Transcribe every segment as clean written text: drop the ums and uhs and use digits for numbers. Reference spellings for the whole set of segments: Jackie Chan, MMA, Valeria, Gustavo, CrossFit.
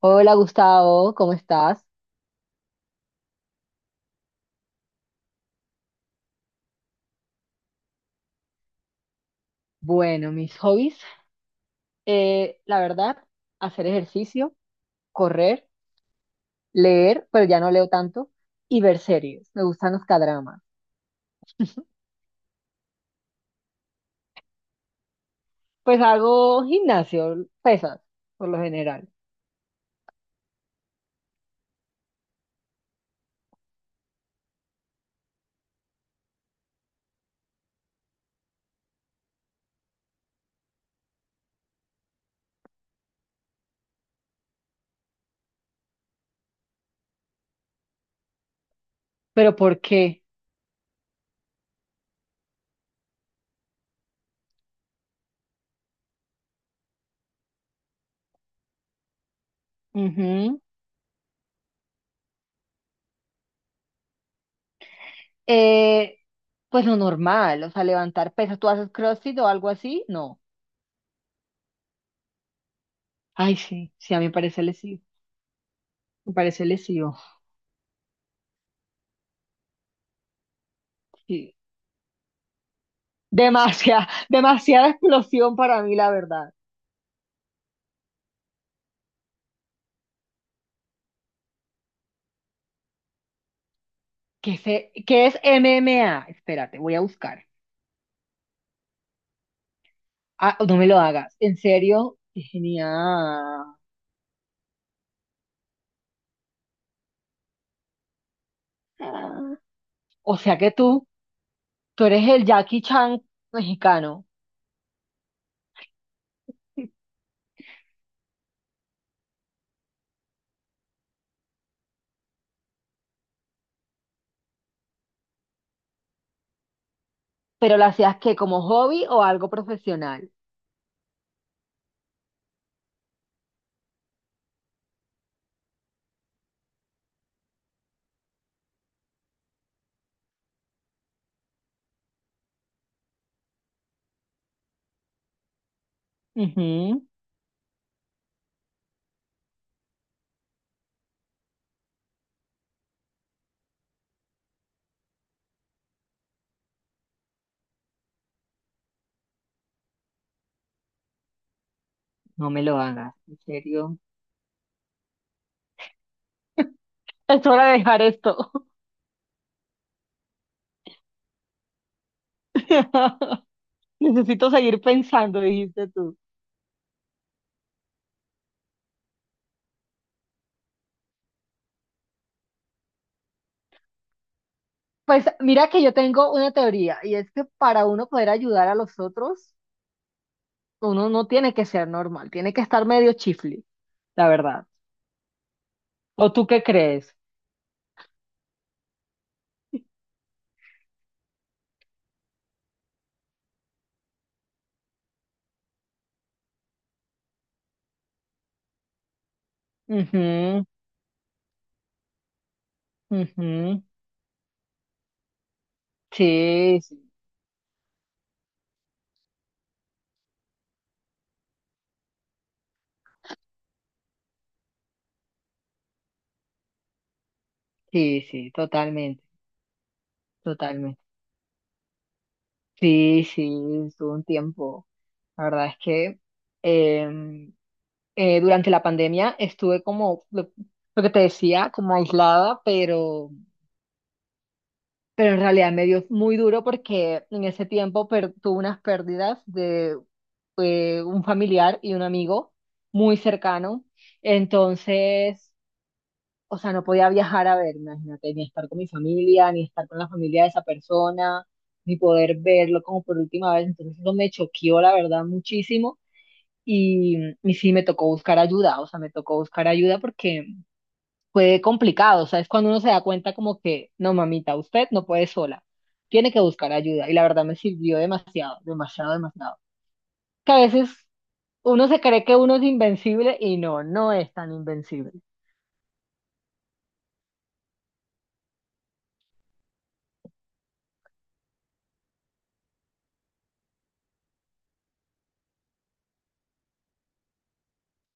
Hola Gustavo, ¿cómo estás? Bueno, mis hobbies, la verdad, hacer ejercicio, correr, leer, pero ya no leo tanto, y ver series. Me gustan los cadramas. Pues hago gimnasio, pesas, por lo general. ¿Pero por qué? Ujú. Eh, pues lo normal, o sea, levantar pesas. ¿Tú haces CrossFit o algo así? No. Ay, sí, sí, a mí me parece lesivo. Me parece lesivo. Sí. Demasiada, demasiada explosión para mí, la verdad. ¿Qué es, qué es MMA? Espérate, voy a buscar. Ah, no me lo hagas. ¿En serio? Qué genial. Ah. O sea que tú eres el Jackie Chan mexicano, pero lo hacías que como hobby o algo profesional. Ujú. No me lo hagas, en serio. Es hora de dejar esto. Necesito seguir pensando, dijiste tú. Pues mira que yo tengo una teoría y es que para uno poder ayudar a los otros, uno no tiene que ser normal, tiene que estar medio chifli, la verdad. ¿O tú qué crees? Ujú, ujú. Sí, sí, sí, sí, totalmente, totalmente. Sí, sí, estuvo un tiempo. La verdad es que em, durante la pandemia estuve como, lo que te decía, como aislada, pero en realidad me dio muy duro porque en ese tiempo tuve unas pérdidas de un familiar y un amigo muy cercano. Entonces, o sea, no podía viajar a ver, imagínate, ni estar con mi familia, ni estar con la familia de esa persona, ni poder verlo como por última vez. Entonces, eso me choqueó, la verdad, muchísimo. Y, y sí, me tocó buscar ayuda, o sea, me tocó buscar ayuda porque fue complicado, o sea, es cuando uno se da cuenta como que, no, mamita, usted no puede sola, tiene que buscar ayuda. Y la verdad me sirvió demasiado, demasiado, demasiado, que a veces uno se cree que uno es invencible y no, no es tan invencible.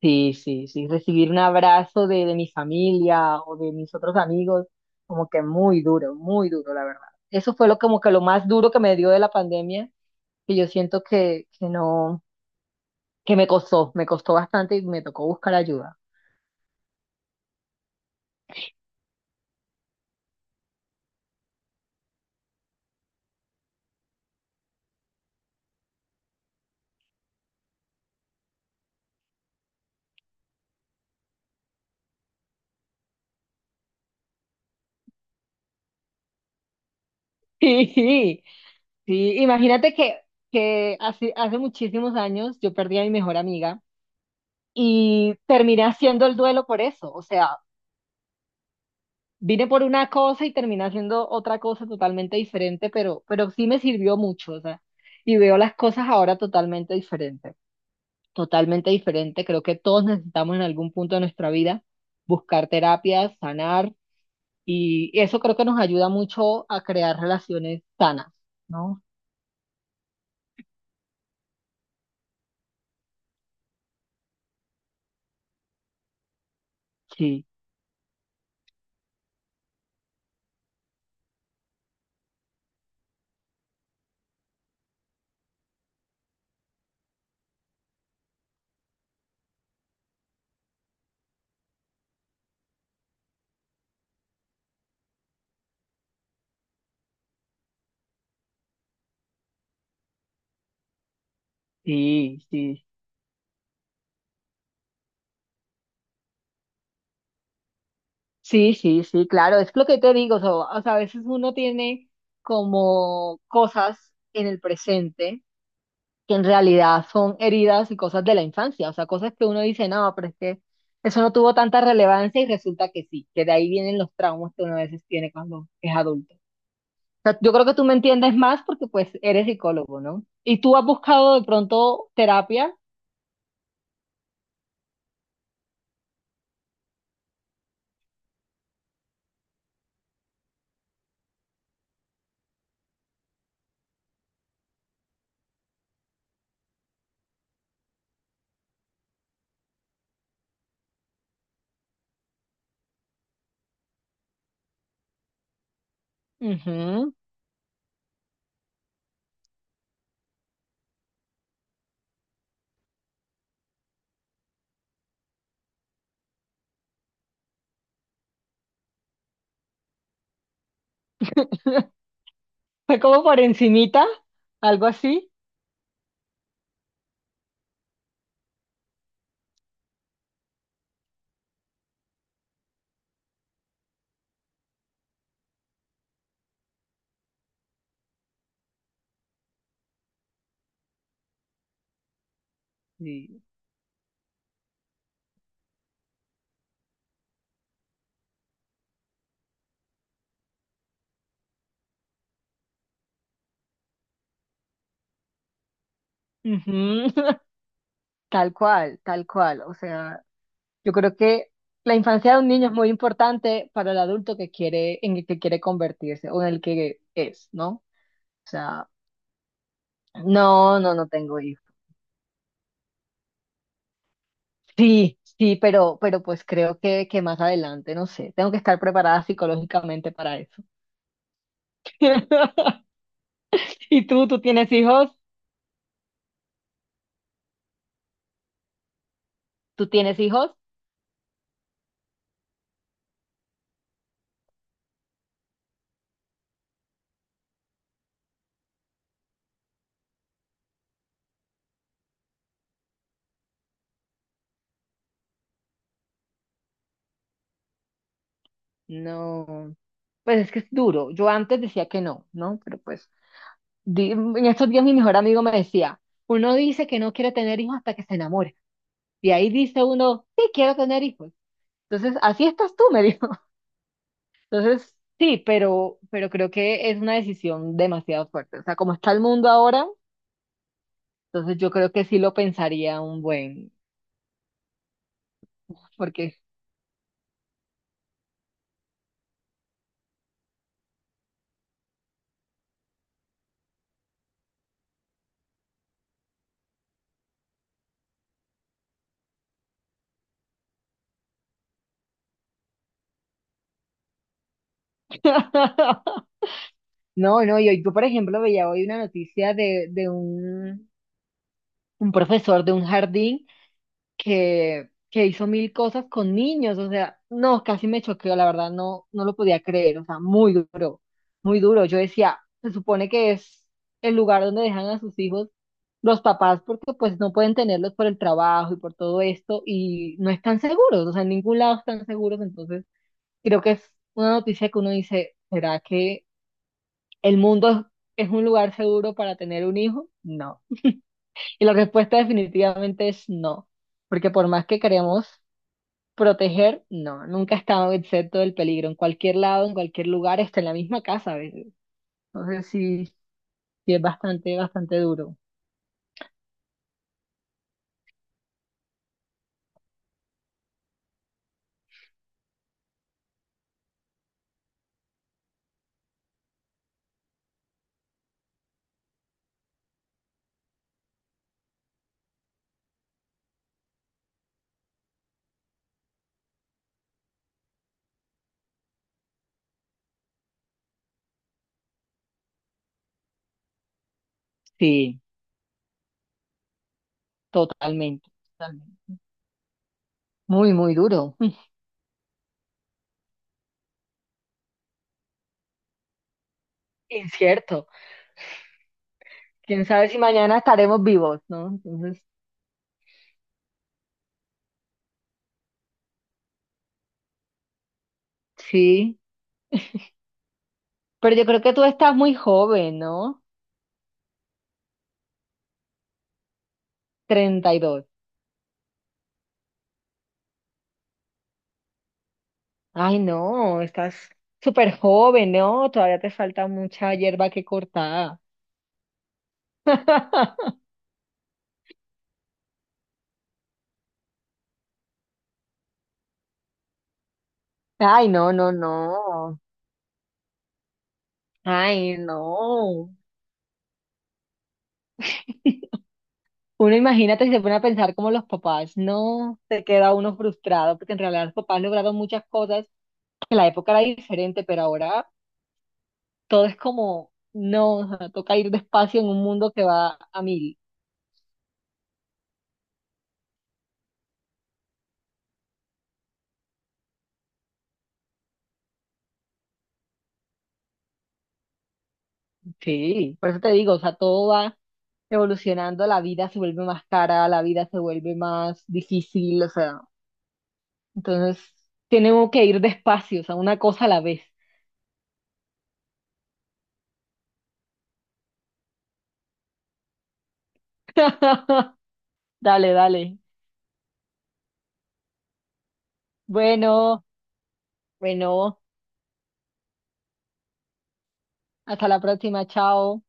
Sí, sí, sí. Recibir un abrazo de mi familia o de mis otros amigos, como que muy duro, la verdad. Eso fue lo como que lo más duro que me dio de la pandemia, que yo siento que no, que me costó bastante y me tocó buscar ayuda. Sí, sí. Imagínate que hace muchísimos años yo perdí a mi mejor amiga y terminé haciendo el duelo por eso. O sea, vine por una cosa y terminé haciendo otra cosa totalmente diferente, pero sí me sirvió mucho, o sea, y veo las cosas ahora totalmente diferente, totalmente diferente. Creo que todos necesitamos en algún punto de nuestra vida buscar terapias, sanar, y eso creo que nos ayuda mucho a crear relaciones sanas, ¿no? Sí, sí, sí. Sí, sí, sí, claro, es lo que te digo, o sea, a veces uno tiene como cosas en el presente que en realidad son heridas y cosas de la infancia, o sea, cosas que uno dice, no, pero es que eso no tuvo tanta relevancia y resulta que sí, que de ahí vienen los traumas que uno a veces tiene cuando es adulto. O sea, yo creo que tú me entiendes más porque pues eres psicólogo, ¿no? Y tú has buscado de pronto terapia. Ujú. Fue como por encimita, algo así. Sí. Ujú. Tal cual, o sea, yo creo que la infancia de un niño es muy importante para el adulto que quiere, en el que quiere convertirse o en el que es, ¿no? O sea, no, no, no tengo hijos. Sí, sí, pero pues creo que más adelante, no sé, tengo que estar preparada psicológicamente para eso. ¿Y tú tienes hijos? ¿Tú tienes hijos? No. Pues es que es duro. Yo antes decía que no, ¿no? Pero pues en estos días mi mejor amigo me decía, uno dice que no quiere tener hijos hasta que se enamora. Y ahí dice uno, sí, quiero tener hijos. Entonces, así estás tú, me dijo. Entonces, sí, pero creo que es una decisión demasiado fuerte. O sea, como está el mundo ahora, entonces yo creo que sí lo pensaría un buen, porque... No, no, yo por ejemplo veía hoy una noticia de un, profesor de un jardín que hizo mil cosas con niños, o sea, no, casi me choqueó, la verdad, no, no lo podía creer, o sea, muy duro, muy duro. Yo decía, se supone que es el lugar donde dejan a sus hijos los papás porque pues no pueden tenerlos por el trabajo y por todo esto y no están seguros, o sea, en ningún lado están seguros, entonces creo que es una noticia que uno dice, ¿será que el mundo es un lugar seguro para tener un hijo? No. Y la respuesta definitivamente es no, porque por más que queremos proteger, no, nunca he estado exento del peligro. En cualquier lado, en cualquier lugar, hasta en la misma casa a veces. Entonces sí, sí es bastante, bastante duro. Sí, totalmente, totalmente. Muy, muy duro. Incierto. Quién sabe si mañana estaremos vivos, ¿no? Entonces, sí. Pero yo creo que tú estás muy joven, ¿no? 32. Ay, no, estás súper joven, ¿no? Todavía te falta mucha hierba que cortar. Ay, no, no, no. Ay, no. Uno imagínate si se pone a pensar como los papás, no se queda uno frustrado, porque en realidad los papás lograron muchas cosas, que la época era diferente, pero ahora todo es como, no, o sea, toca ir despacio en un mundo que va a mil. Sí, por eso te digo, o sea, todo va evolucionando, la vida se vuelve más cara, la vida se vuelve más difícil, o sea, entonces tenemos que ir despacio, o sea, una cosa a la vez. Dale, dale. Bueno, bueno, hasta la próxima, chao.